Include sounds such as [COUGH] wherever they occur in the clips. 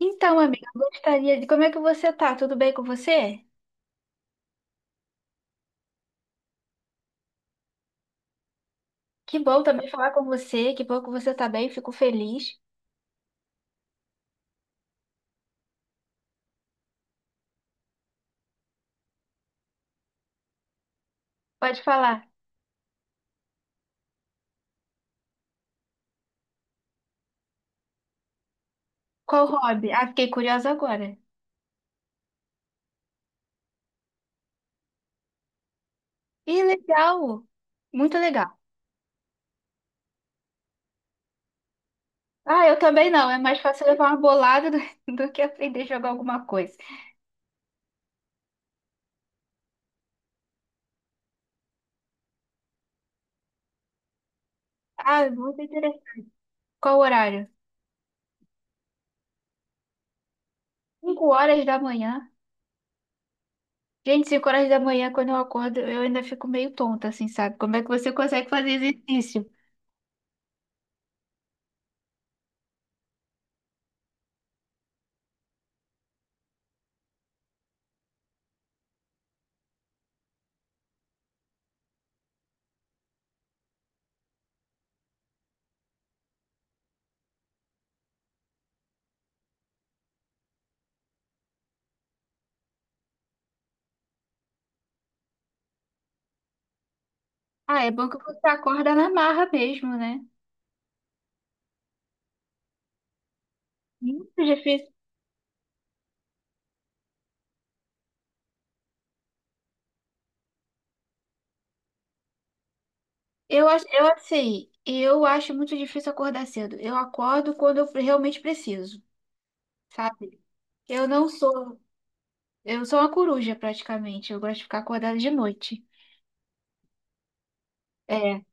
Então, amiga, eu gostaria de... Como é que você tá? Tudo bem com você? Que bom também falar com você, que bom que você tá bem, fico feliz. Pode falar. Qual hobby? Ah, fiquei curiosa agora. Ih, legal! Muito legal. Ah, eu também não, é mais fácil levar uma bolada do, [LAUGHS] do que aprender a jogar alguma coisa. Ah, muito interessante. Qual o horário? Cinco horas da manhã. Gente, cinco horas da manhã, quando eu acordo, eu ainda fico meio tonta, assim, sabe? Como é que você consegue fazer exercício? Ah, é bom que você acorda na marra mesmo, né? Muito difícil. Eu acho, eu assim, eu acho muito difícil acordar cedo. Eu acordo quando eu realmente preciso, sabe? Eu não sou, eu sou uma coruja praticamente. Eu gosto de ficar acordada de noite. É.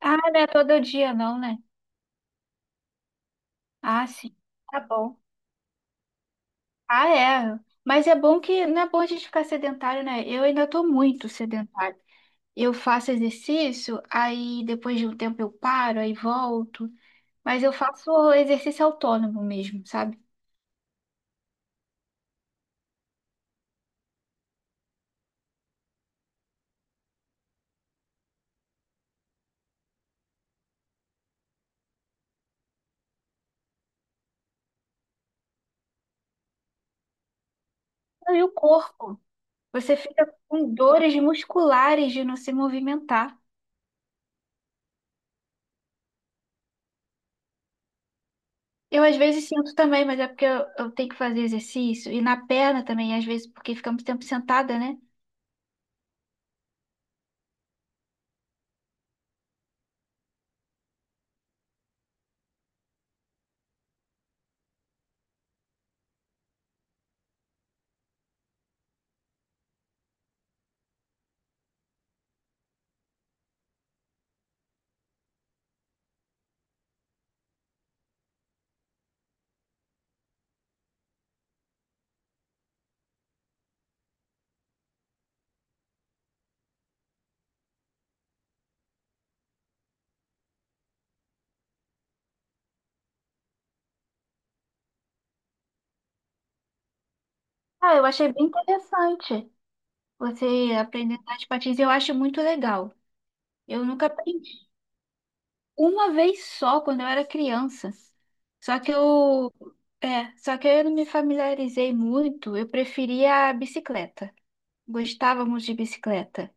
Ah, não é todo dia não, né? Ah, sim. Tá bom. Ah, é. Mas é bom que não é bom a gente ficar sedentário, né? Eu ainda tô muito sedentário. Eu faço exercício, aí depois de um tempo eu paro, aí volto. Mas eu faço exercício autônomo mesmo, sabe? E o corpo. Você fica com dores musculares de não se movimentar. Eu às vezes sinto também, mas é porque eu tenho que fazer exercício. E na perna também, às vezes, porque fica muito tempo sentada, né? Ah, eu achei bem interessante você aprender a andar de patins. Eu acho muito legal. Eu nunca aprendi. Uma vez só, quando eu era criança. Só que eu... É, só que eu não me familiarizei muito. Eu preferia a bicicleta. Gostava muito de bicicleta.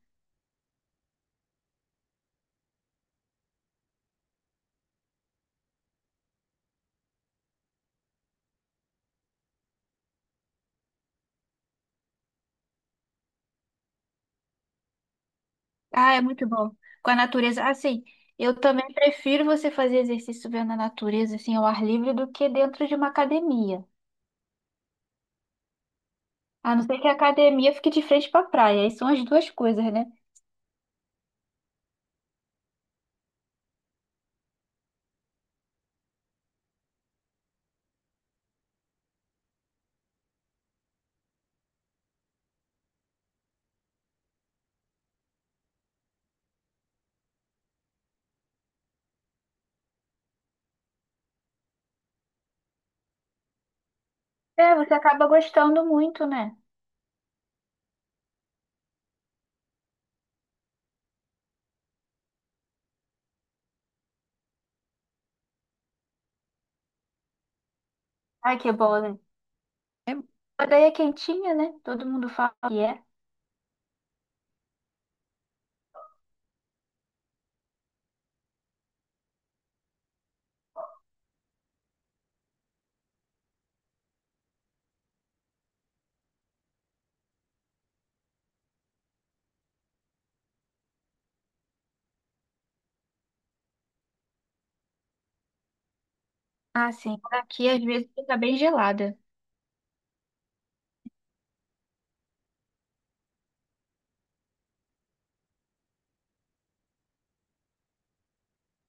Ah, é muito bom. Com a natureza. Assim, eu também prefiro você fazer exercício vendo a natureza, assim, ao ar livre, do que dentro de uma academia. A não ser que a academia fique de frente pra praia. Aí são as duas coisas, né? É, você acaba gostando muito, né? Ai, que bom, né? É- A daí é quentinha, né? Todo mundo fala que é. Ah, sim. Aqui, às vezes, fica bem gelada.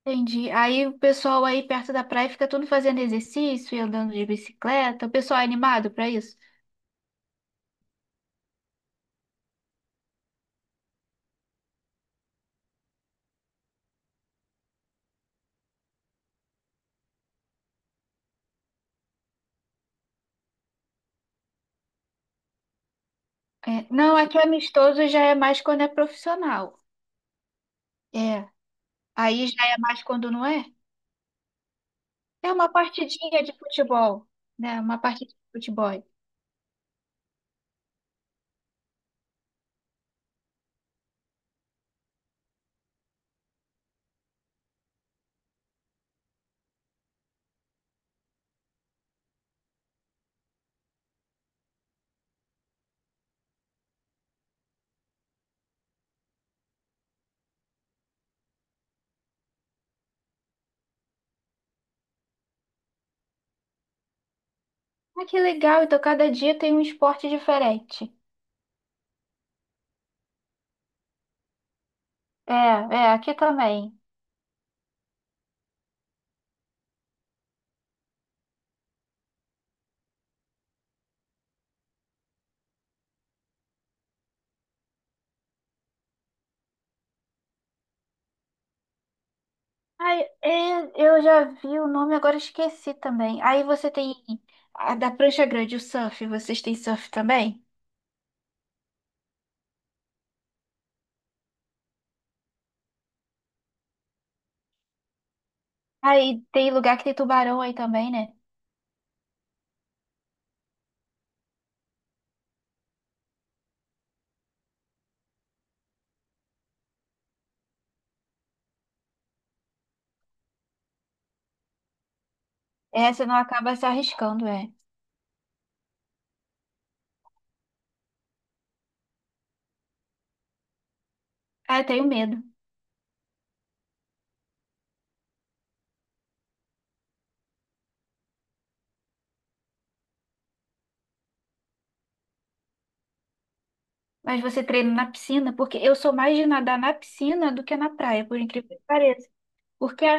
Entendi. Aí o pessoal aí perto da praia fica todo fazendo exercício e andando de bicicleta. O pessoal é animado pra isso? É, não, é que amistoso já é mais quando é profissional. É. Aí já é mais quando não é. É uma partidinha de futebol, né? Uma partida de futebol. Ah, que legal, então cada dia tem um esporte diferente. É, é, aqui também. Ai, é, eu já vi o nome, agora esqueci também. Aí você tem a da prancha grande, o surf, vocês têm surf também? Aí tem lugar que tem tubarão aí também, né? É, você não acaba se arriscando, é. Ah, eu tenho medo. Mas você treina na piscina? Porque eu sou mais de nadar na piscina do que na praia, por incrível que pareça. Porque a,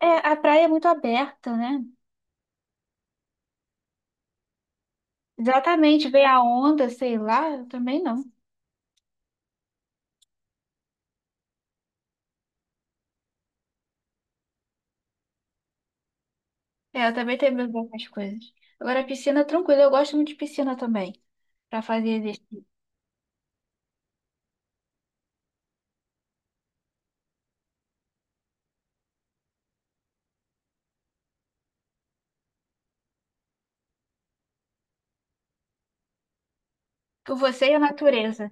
é, a praia é muito aberta, né? Exatamente, vem a onda, sei lá, eu também não. É, eu também tenho medo dessas coisas. Agora, a piscina, tranquilo, eu gosto muito de piscina também, pra fazer exercício. Com você e a natureza.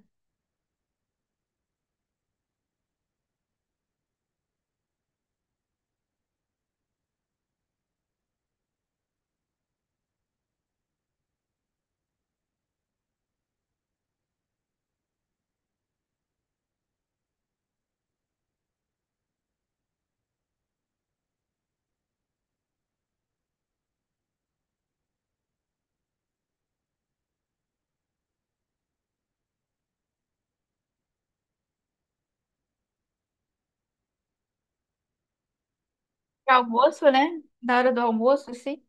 Pra Almoço, né? Na hora do almoço, assim.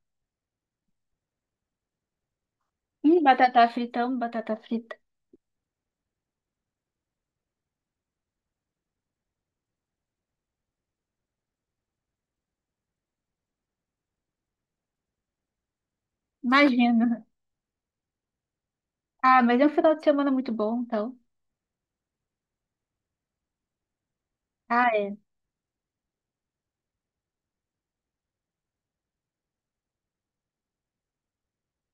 Batata frita, amo batata frita. Imagina. Ah, mas é um final de semana muito bom, então. Ah, é.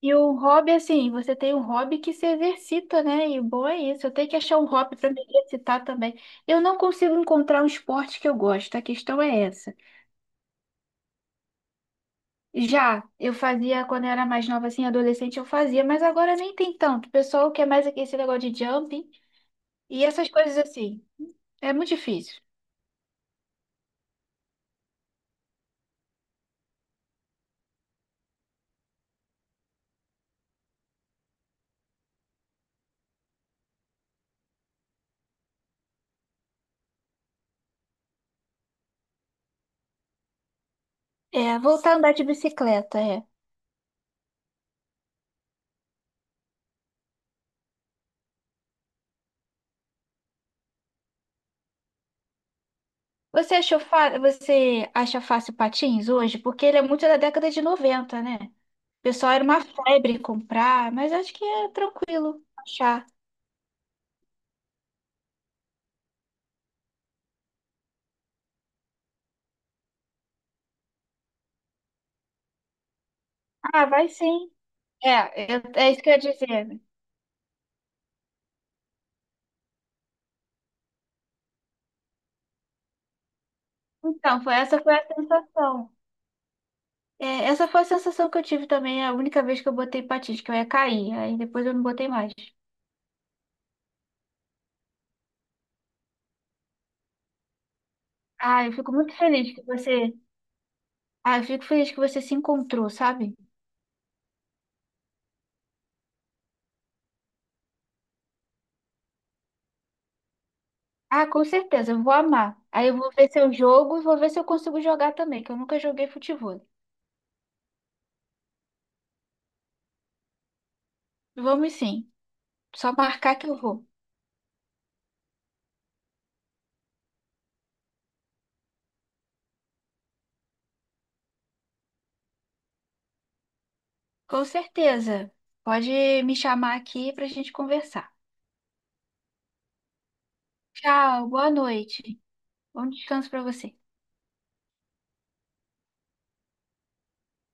E o hobby, assim, você tem um hobby que se exercita, né? E o bom é isso. Eu tenho que achar um hobby para me exercitar também. Eu não consigo encontrar um esporte que eu gosto, a questão é essa. Já eu fazia quando eu era mais nova, assim, adolescente, eu fazia, mas agora nem tem tanto. O pessoal quer mais aqui esse negócio de jumping e essas coisas assim. É muito difícil. É, voltar a andar de bicicleta, você acha fácil patins hoje? Porque ele é muito da década de 90, né? O pessoal era uma febre comprar, mas acho que é tranquilo achar. Ah, vai sim. É, é isso que eu ia dizer. Então, foi, essa foi a sensação. É, essa foi a sensação que eu tive também, é a única vez que eu botei patins, que eu ia cair. Aí depois eu não botei mais. Ah, eu fico muito feliz que você. Ah, eu fico feliz que você se encontrou, sabe? Ah, com certeza, eu vou amar. Aí eu vou ver se eu jogo e vou ver se eu consigo jogar também, que eu nunca joguei futebol. Vamos sim, só marcar que eu vou. Com certeza. Pode me chamar aqui pra gente conversar. Tchau, boa noite. Bom descanso pra você.